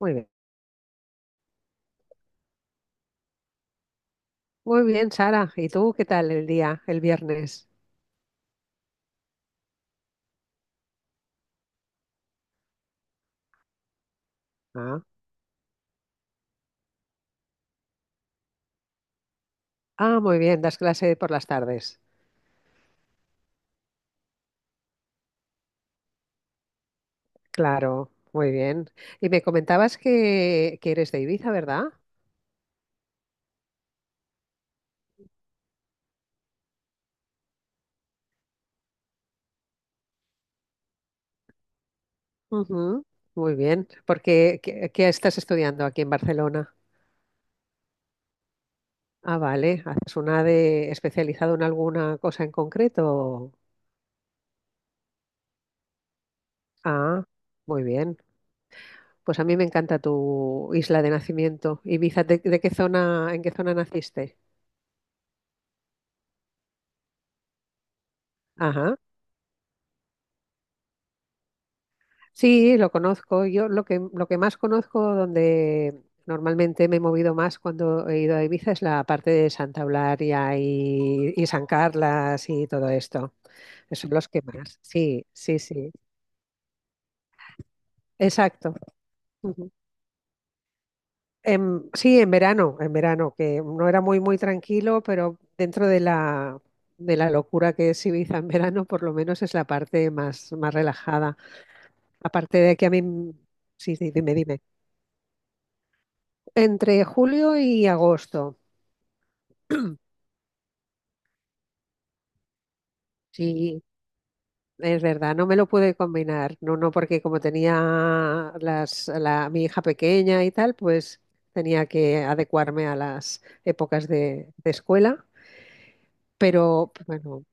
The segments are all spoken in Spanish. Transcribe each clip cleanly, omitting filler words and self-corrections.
Muy bien. Muy bien, Sara. ¿Y tú qué tal el día, el viernes? Ah, ah, muy bien, das clase por las tardes. Claro, muy bien. Y me comentabas que eres de Ibiza, ¿verdad? Ujú. Muy bien. Porque, ¿qué estás estudiando aquí en Barcelona? Ah, vale. ¿Haces una de especializado en alguna cosa en concreto? Ah, muy bien. Pues a mí me encanta tu isla de nacimiento. Ibiza, ¿de qué zona, en qué zona naciste? Ajá. Sí, lo conozco. Yo lo que más conozco, donde normalmente me he movido más cuando he ido a Ibiza, es la parte de Santa Eulalia y, San Carlas y todo esto. Esos son los que más. Sí, sí, sí. Exacto. Ujú. Sí, en verano, que no era muy, muy tranquilo, pero dentro de la locura que es Ibiza en verano, por lo menos es la parte más, más relajada. Aparte de que a mí, sí, sí, dime, dime. Entre julio y agosto. Sí, es verdad, no me lo pude combinar, no, no, porque como tenía la, mi hija pequeña y tal, pues tenía que adecuarme a las épocas de escuela, pero bueno,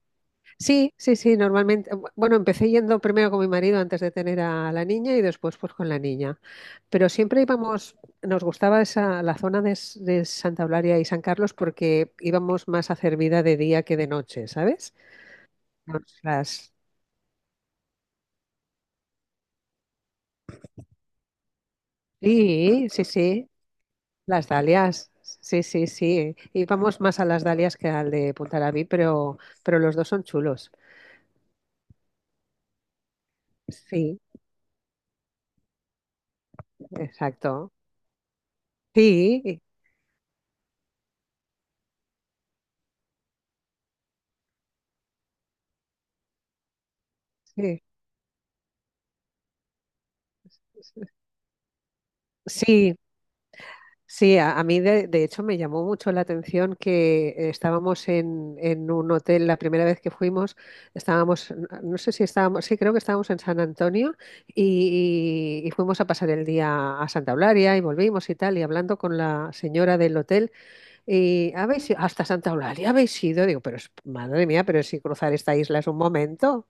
sí, sí, sí, normalmente, bueno, empecé yendo primero con mi marido antes de tener a la niña y después pues con la niña, pero siempre íbamos, nos gustaba la zona de Santa Eulalia y San Carlos porque íbamos más a hacer vida de día que de noche, ¿sabes? Nos las... Sí, sí, sí. Las dalias, sí, sí, sí. Y vamos más a las dalias que al de Puntarabí, pero los dos son chulos. Sí, exacto. Sí, sí. Sí, sí, a mí de, hecho me llamó mucho la atención que estábamos en un hotel la primera vez que fuimos, no sé si estábamos, sí, creo que estábamos en San Antonio y fuimos a pasar el día a Santa Eulalia y volvimos y tal, y hablando con la señora del hotel. Y habéis ido hasta Santa Eulalia, habéis ido, digo, pero madre mía, pero si cruzar esta isla es un momento.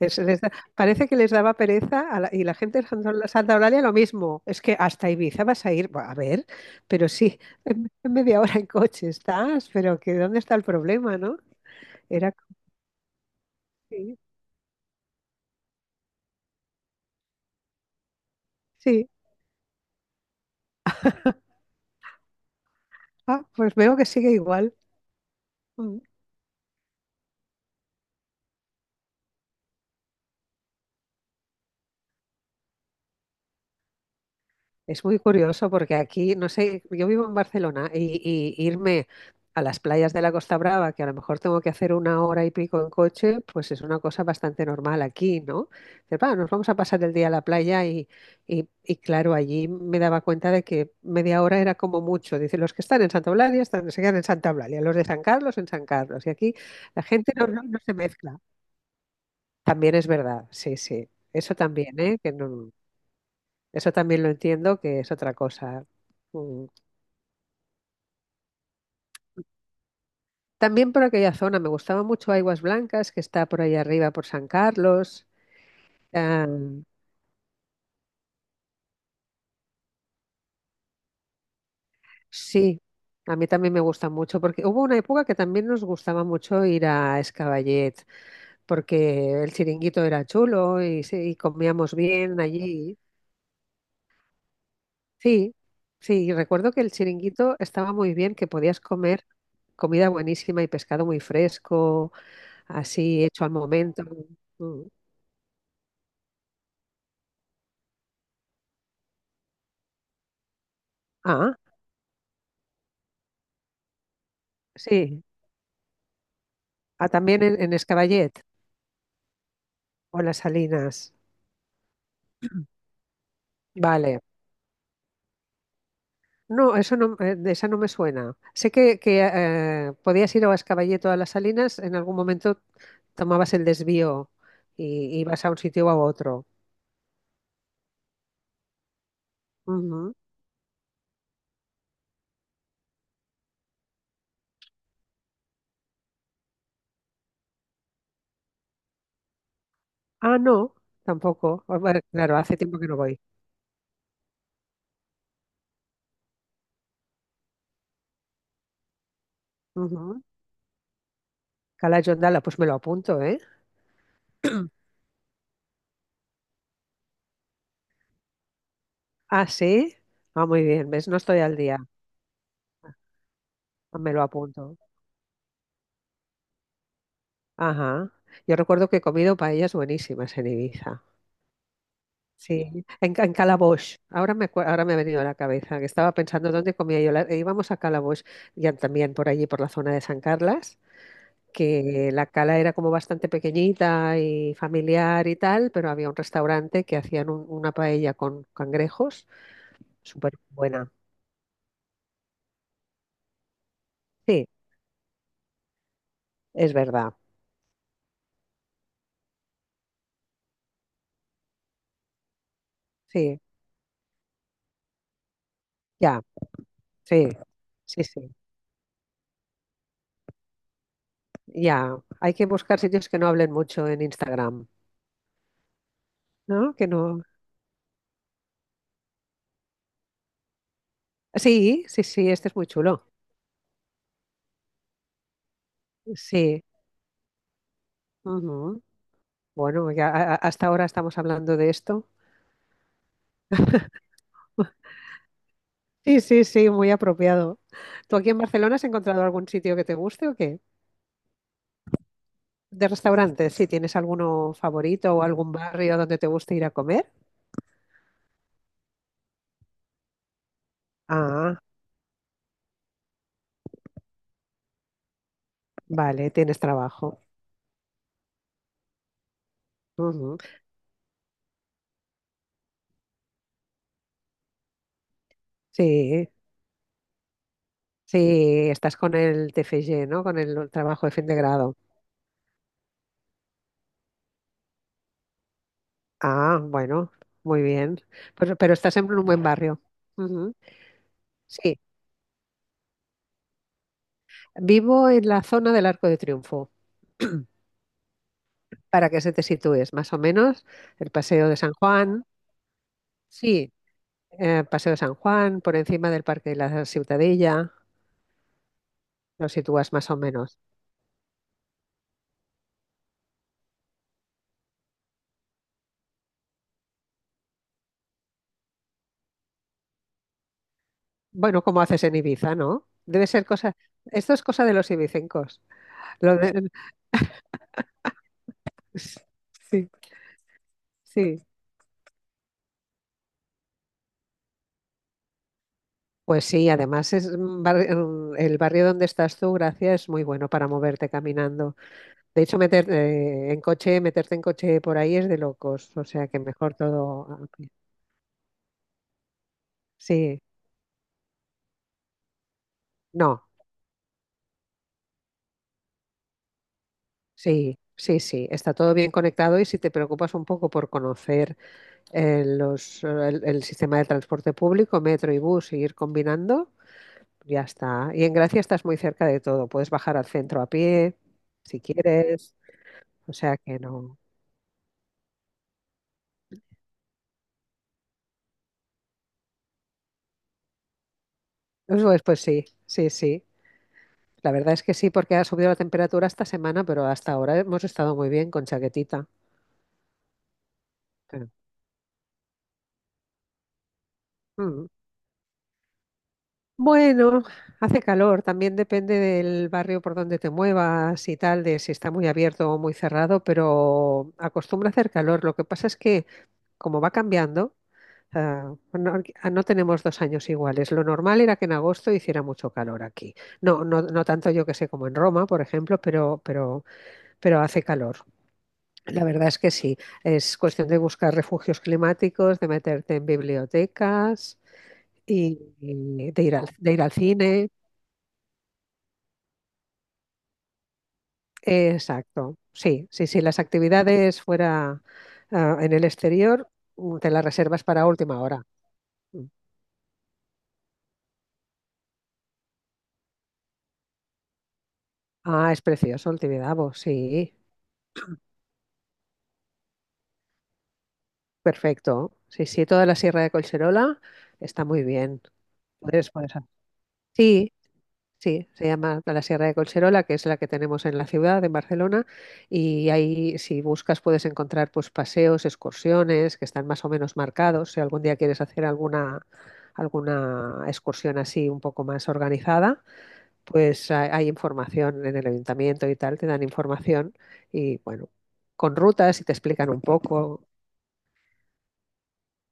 Parece que les daba pereza a y la gente de Santa Eulalia lo mismo. Es que hasta Ibiza vas a ir, a ver, pero sí, en, media hora en coche estás, pero que ¿dónde está el problema, no? Era, sí, sí. Ah, pues veo que sigue igual. Mm. Es muy curioso porque aquí, no sé, yo vivo en Barcelona y irme a las playas de la Costa Brava, que a lo mejor tengo que hacer una hora y pico en coche, pues es una cosa bastante normal aquí, ¿no? Dices, "Va, nos vamos a pasar el día a la playa y claro, allí me daba cuenta de que media hora era como mucho. Dicen, los que están en Santa Eulalia se quedan en Santa Eulalia, los de San Carlos en San Carlos. Y aquí la gente no, no se mezcla. También es verdad, sí, sí. Eso también, ¿eh? Que eso también lo entiendo, que es otra cosa. Mm. También por aquella zona, me gustaba mucho Aguas Blancas, que está por ahí arriba, por San Carlos. Ah, sí, a mí también me gusta mucho, porque hubo una época que también nos gustaba mucho ir a Escaballet, porque el chiringuito era chulo y, sí, y comíamos bien allí. Sí, sí, y recuerdo que el chiringuito estaba muy bien, que podías comer comida buenísima y pescado muy fresco, así hecho al momento. Mm. Ah. Sí, ah, también en, Escaballet o Las Salinas. Vale. No, eso no, de esa no me suena. Sé que podías ir a Escaballet o a Las Salinas, en algún momento tomabas el desvío y ibas a un sitio o a otro. Ujú. Ah, no, tampoco. Ah, bueno, claro, hace tiempo que no voy. Ujú. Cala Jondala, pues me lo apunto, ¿eh? Ah, sí. Ah, muy bien, ¿ves? No estoy al día. Me lo apunto. Ajá. Yo recuerdo que he comido paellas buenísimas en Ibiza. Sí, en Calabosch. Ahora me ha venido a la cabeza que estaba pensando dónde comía yo. E íbamos a Calabosch, ya también por allí, por la zona de San Carlas, que la cala era como bastante pequeñita y familiar y tal, pero había un restaurante que hacían una paella con cangrejos, súper buena. Sí, es verdad. Sí, ya, sí, sí, sí, ya. Hay que buscar sitios que no hablen mucho en Instagram, ¿no? Que no. Sí, sí, sí, este es muy chulo. Sí. Ujú. Bueno, ya hasta ahora estamos hablando de esto. Sí, sí, sí, muy apropiado. ¿Tú aquí en Barcelona has encontrado algún sitio que te guste o qué? De restaurantes, si tienes alguno favorito o algún barrio donde te guste ir a comer. Ah, vale, tienes trabajo. Ujú. Sí, sí, estás con el TFG, ¿no? Con el trabajo de fin de grado. Ah, bueno, muy bien. Pero estás en un buen barrio. Ujú. Sí, vivo en la zona del Arco de Triunfo. Para que se te sitúes, más o menos, el Paseo de San Juan, sí, Paseo de San Juan, por encima del Parque de la Ciutadella, lo sitúas más o menos. Bueno, como haces en Ibiza, ¿no? Esto es cosa de los ibicencos. Lo de- Sí, sí. Pues sí, además es el barrio donde estás tú, Gracia, es muy bueno para moverte caminando. De hecho, meterte en coche por ahí es de locos, o sea que mejor todo a pie. Sí, no. Sí, sí, sí, está todo bien conectado y si te preocupas un poco por conocer el sistema de transporte público, metro y bus, y ir combinando, ya está. Y en Gracia estás muy cerca de todo, puedes bajar al centro a pie si quieres, o sea que no. Pues sí, sí, sí. La verdad es que sí, porque ha subido la temperatura esta semana, pero hasta ahora hemos estado muy bien con chaquetita. Sí. Mm. Bueno, hace calor, también depende del barrio por donde te muevas y tal, de si está muy abierto o muy cerrado, pero acostumbra a hacer calor. Lo que pasa es que como va cambiando, no, no tenemos 2 años iguales. Lo normal era que en agosto hiciera mucho calor aquí. No, no, no tanto yo que sé como en Roma, por ejemplo, pero, hace calor. La verdad es que sí. Es cuestión de buscar refugios climáticos, de meterte en bibliotecas y de ir al cine. Exacto, sí, sí, sí, las actividades fuera en el exterior te las reservas para última hora. Mm. Ah, es precioso el Tibidabo, sí, perfecto. Sí, sí, toda la Sierra de Collserola está muy bien. Puedes hacer- Sí, sí, se llama la Sierra de Collserola, que es la que tenemos en la ciudad, en Barcelona, y ahí si buscas puedes encontrar pues paseos, excursiones que están más o menos marcados. Si algún día quieres hacer alguna excursión así un poco más organizada, pues hay información en el ayuntamiento y tal, te dan información y bueno, con rutas y te explican un poco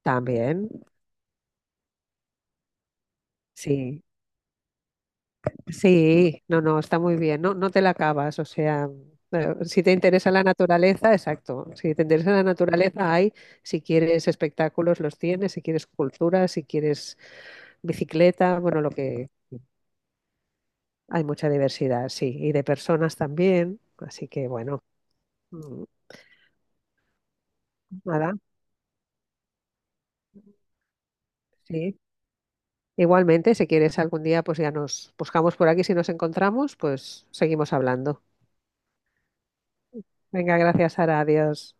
también. Sí, sí, no, no, está muy bien, no, no te la acabas, o sea, si te interesa la naturaleza, exacto, si te interesa la naturaleza hay, si quieres espectáculos los tienes, si quieres cultura, si quieres bicicleta, bueno, lo que hay mucha diversidad, sí, y de personas también, así que bueno, mm, nada, sí. Igualmente, si quieres algún día, pues ya nos buscamos por aquí, si nos encontramos, pues seguimos hablando. Venga, gracias, Sara, adiós.